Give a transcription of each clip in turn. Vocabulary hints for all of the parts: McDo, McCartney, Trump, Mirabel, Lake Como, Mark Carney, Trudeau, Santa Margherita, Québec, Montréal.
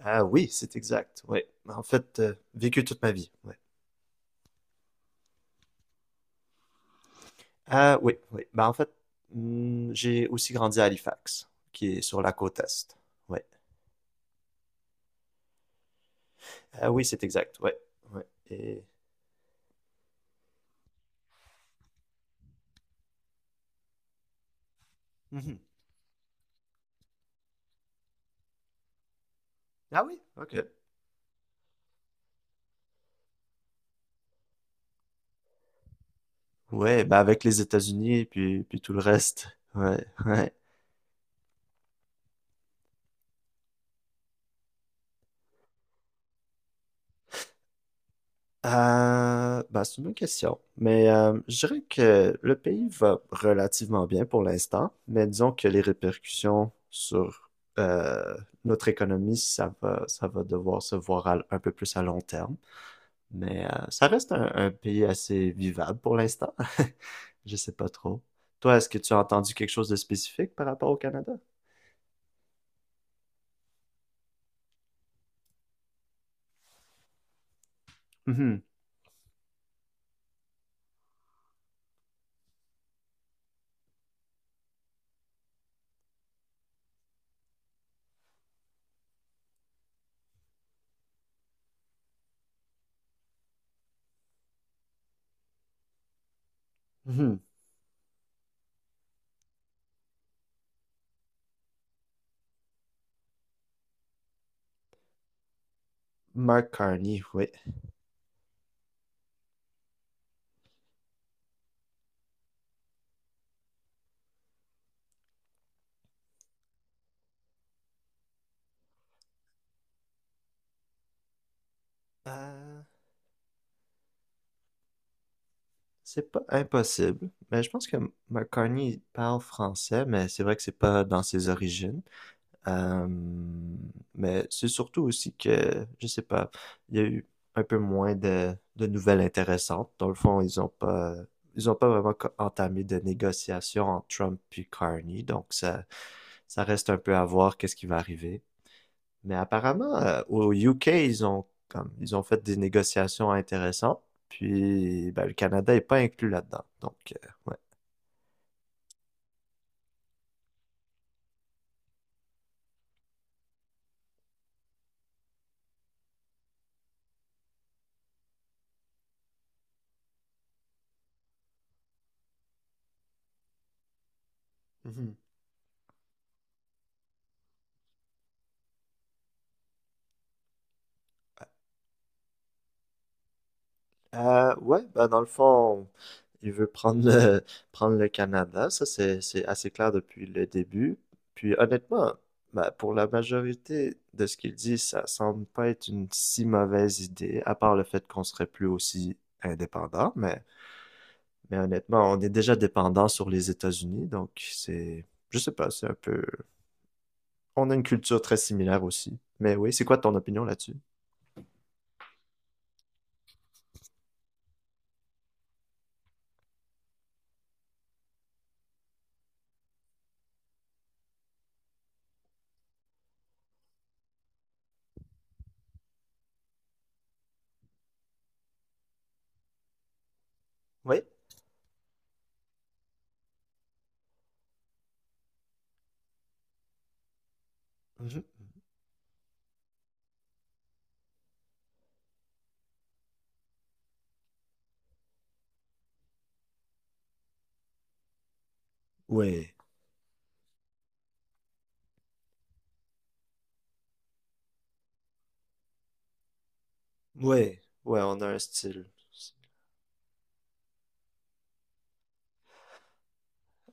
Ah oui, c'est exact. Oui. En fait, vécu toute ma vie. Ouais. Ah oui, oui. Ben, en fait, hmm, j'ai aussi grandi à Halifax, qui est sur la côte est. Ouais. Ah oui, c'est exact. Ouais. Ouais. Et... Mhm. Ah oui, ok. Ouais, ben avec les États-Unis puis tout le reste. Ouais, ouais. Bah, c'est une bonne question. Mais je dirais que le pays va relativement bien pour l'instant, mais disons que les répercussions sur euh, notre économie, ça va devoir se voir à- un peu plus à long terme. Mais ça reste un pays assez vivable pour l'instant. Je sais pas trop. Toi, est-ce que tu as entendu quelque chose de spécifique par rapport au Canada? Mhm. Mhm. Mark Carney, oui. Euh, C'est pas impossible, mais je pense que McCartney parle français, mais c'est vrai que c'est pas dans ses origines. Euh, mais c'est surtout aussi que, je sais pas, il y a eu un peu moins de nouvelles intéressantes. Dans le fond, ils ont pas vraiment entamé de négociations entre Trump et Carney, donc ça reste un peu à voir qu'est-ce qui va arriver. Mais apparemment, au UK, ils ont comme ils ont fait des négociations intéressantes. Puis ben, le Canada est pas inclus là-dedans. Donc ouais. Mhm. Ouais, bah dans le fond, il veut prendre le, prendre le Canada, ça c'est assez clair depuis le début. Puis honnêtement, bah, pour la majorité de ce qu'il dit, ça semble pas être une si mauvaise idée, à part le fait qu'on serait plus aussi indépendant, mais honnêtement, on est déjà dépendant sur les États-Unis, donc c'est je sais pas, c'est un peu on a une culture très similaire aussi. Mais oui, c'est quoi ton opinion là-dessus? Oui. Mhm. Ouais. Ouais. Ouais, on a un style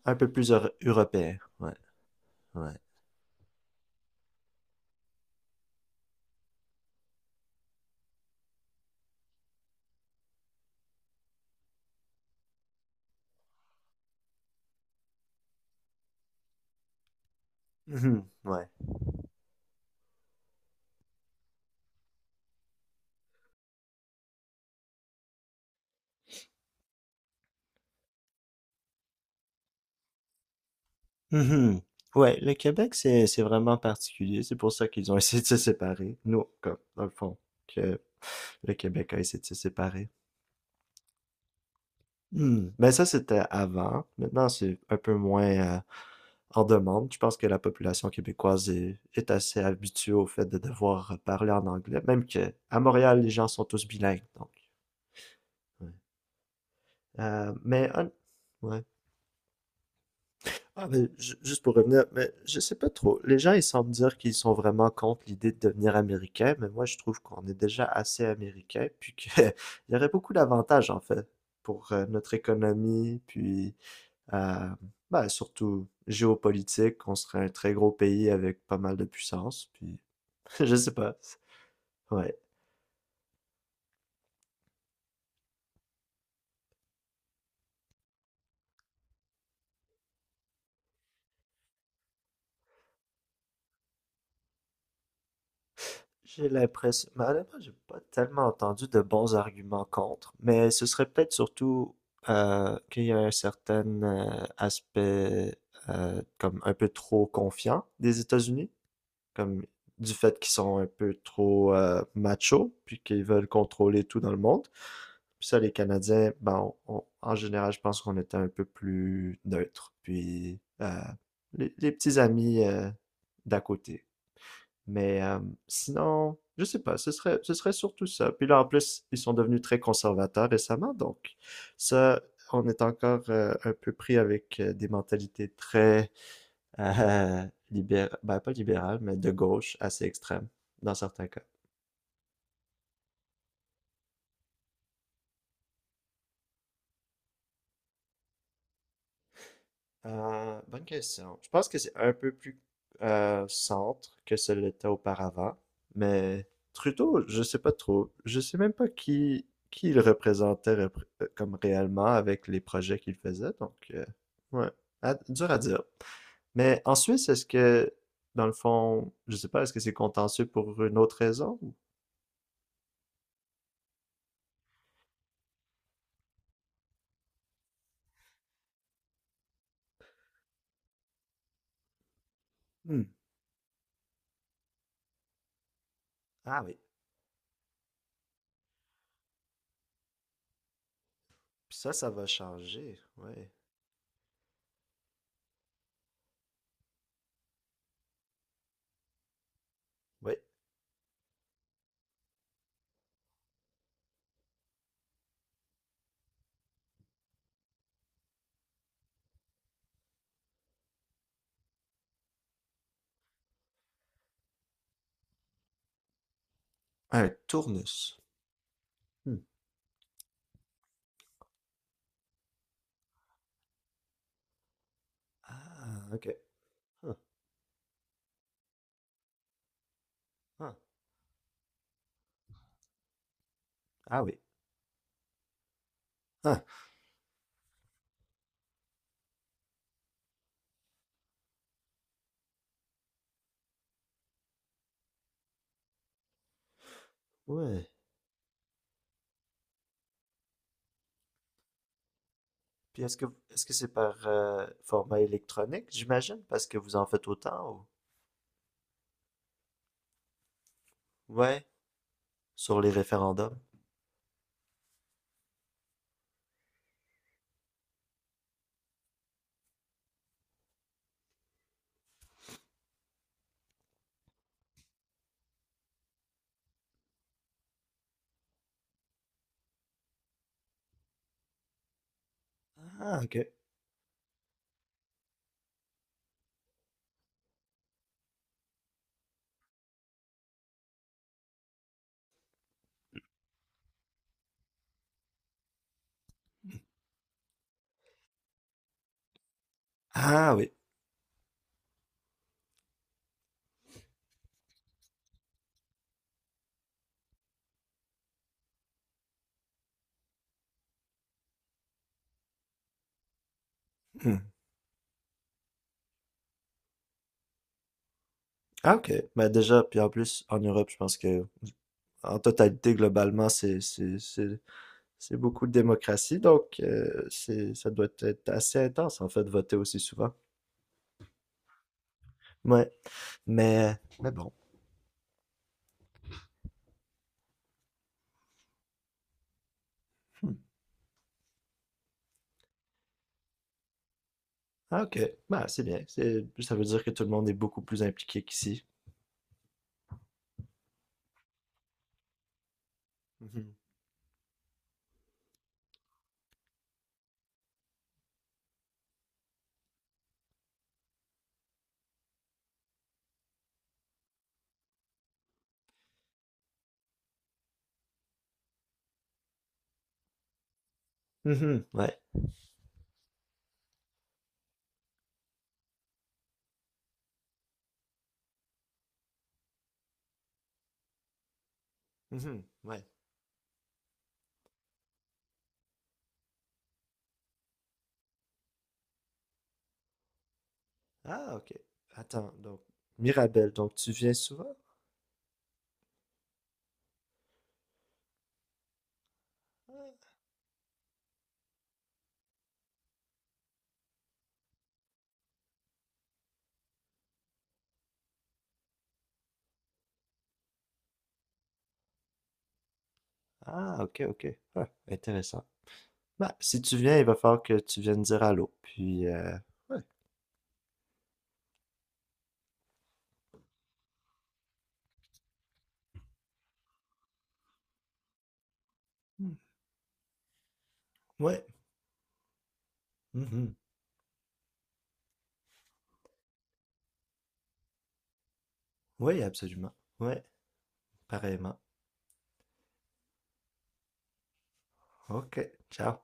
un peu plus européen. Ouais. Ouais. Mhm. Ouais. Mhm. Ouais, le Québec, c'est vraiment particulier. C'est pour ça qu'ils ont essayé de se séparer. Nous, comme, dans le fond, que le Québec a essayé de se séparer. Mmh, mais ça, c'était avant. Maintenant, c'est un peu moins, en demande. Je pense que la population québécoise est assez habituée au fait de devoir parler en anglais, même que à Montréal, les gens sont tous bilingues, donc ouais. Mais hon ouais. Ah, mais ju juste pour revenir, mais je sais pas trop. Les gens, ils semblent dire qu'ils sont vraiment contre l'idée de devenir américain, mais moi, je trouve qu'on est déjà assez américain, puis qu'il y aurait beaucoup d'avantages, en fait, pour, notre économie, puis euh, ben, surtout géopolitique, on serait un très gros pays avec pas mal de puissance, puis je sais pas. Ouais, j'ai l'impression, mais honnêtement, j'ai pas tellement entendu de bons arguments contre, mais ce serait peut-être surtout qu'il y a un certain aspect comme un peu trop confiant des États-Unis, comme du fait qu'ils sont un peu trop machos, puis qu'ils veulent contrôler tout dans le monde. Puis ça, les Canadiens, ben, en général, je pense qu'on était un peu plus neutre. Puis les petits amis d'à côté. Mais sinon, je sais pas, ce serait surtout ça. Puis là, en plus, ils sont devenus très conservateurs récemment, donc ça, on est encore un peu pris avec des mentalités très euh, libérales, ben pas libérales, mais de gauche, assez extrêmes, dans certains cas. Bonne question. Je pense que c'est un peu plus centre que ce l'était auparavant, mais Trudeau, je sais pas trop. Je sais même pas qui il comme réellement avec les projets qu'il faisait, donc ouais, À- dur à dire. Mais en Suisse, est-ce que, dans le fond, je sais pas, est-ce que c'est contentieux pour une autre raison ou- Hmm. Ah oui, puis ça va changer, ouais. Oui. Un tournus. Hmm. Ah, ok. Ah, ah. Ah oui. Ah, ouais. Puis est-ce que c'est par format électronique, j'imagine, parce que vous en faites autant ou... Ouais, sur les référendums. Ah, ok. Ah oui. Hmm. Ah, ok. Mais déjà, puis en plus, en Europe, je pense que en totalité, globalement, c'est beaucoup de démocratie, donc c'est ça doit être assez intense en fait de voter aussi souvent. Ouais. Mais bon. Hmm. Ah, ok. Bah c'est bien. C'est ça veut dire que tout le monde est beaucoup plus impliqué qu'ici. Mhm. Mhm. Ouais. Mhm. Ouais. Ah, ok. Attends, donc, Mirabel, donc tu viens souvent? Ah, ok, ok. Ouais, intéressant. Bah, si tu viens, il va falloir que tu viennes dire allô. Puis, ouais. Hmm. Ouais. Mhm. Oui, absolument. Ouais, pareillement. Ok, ciao.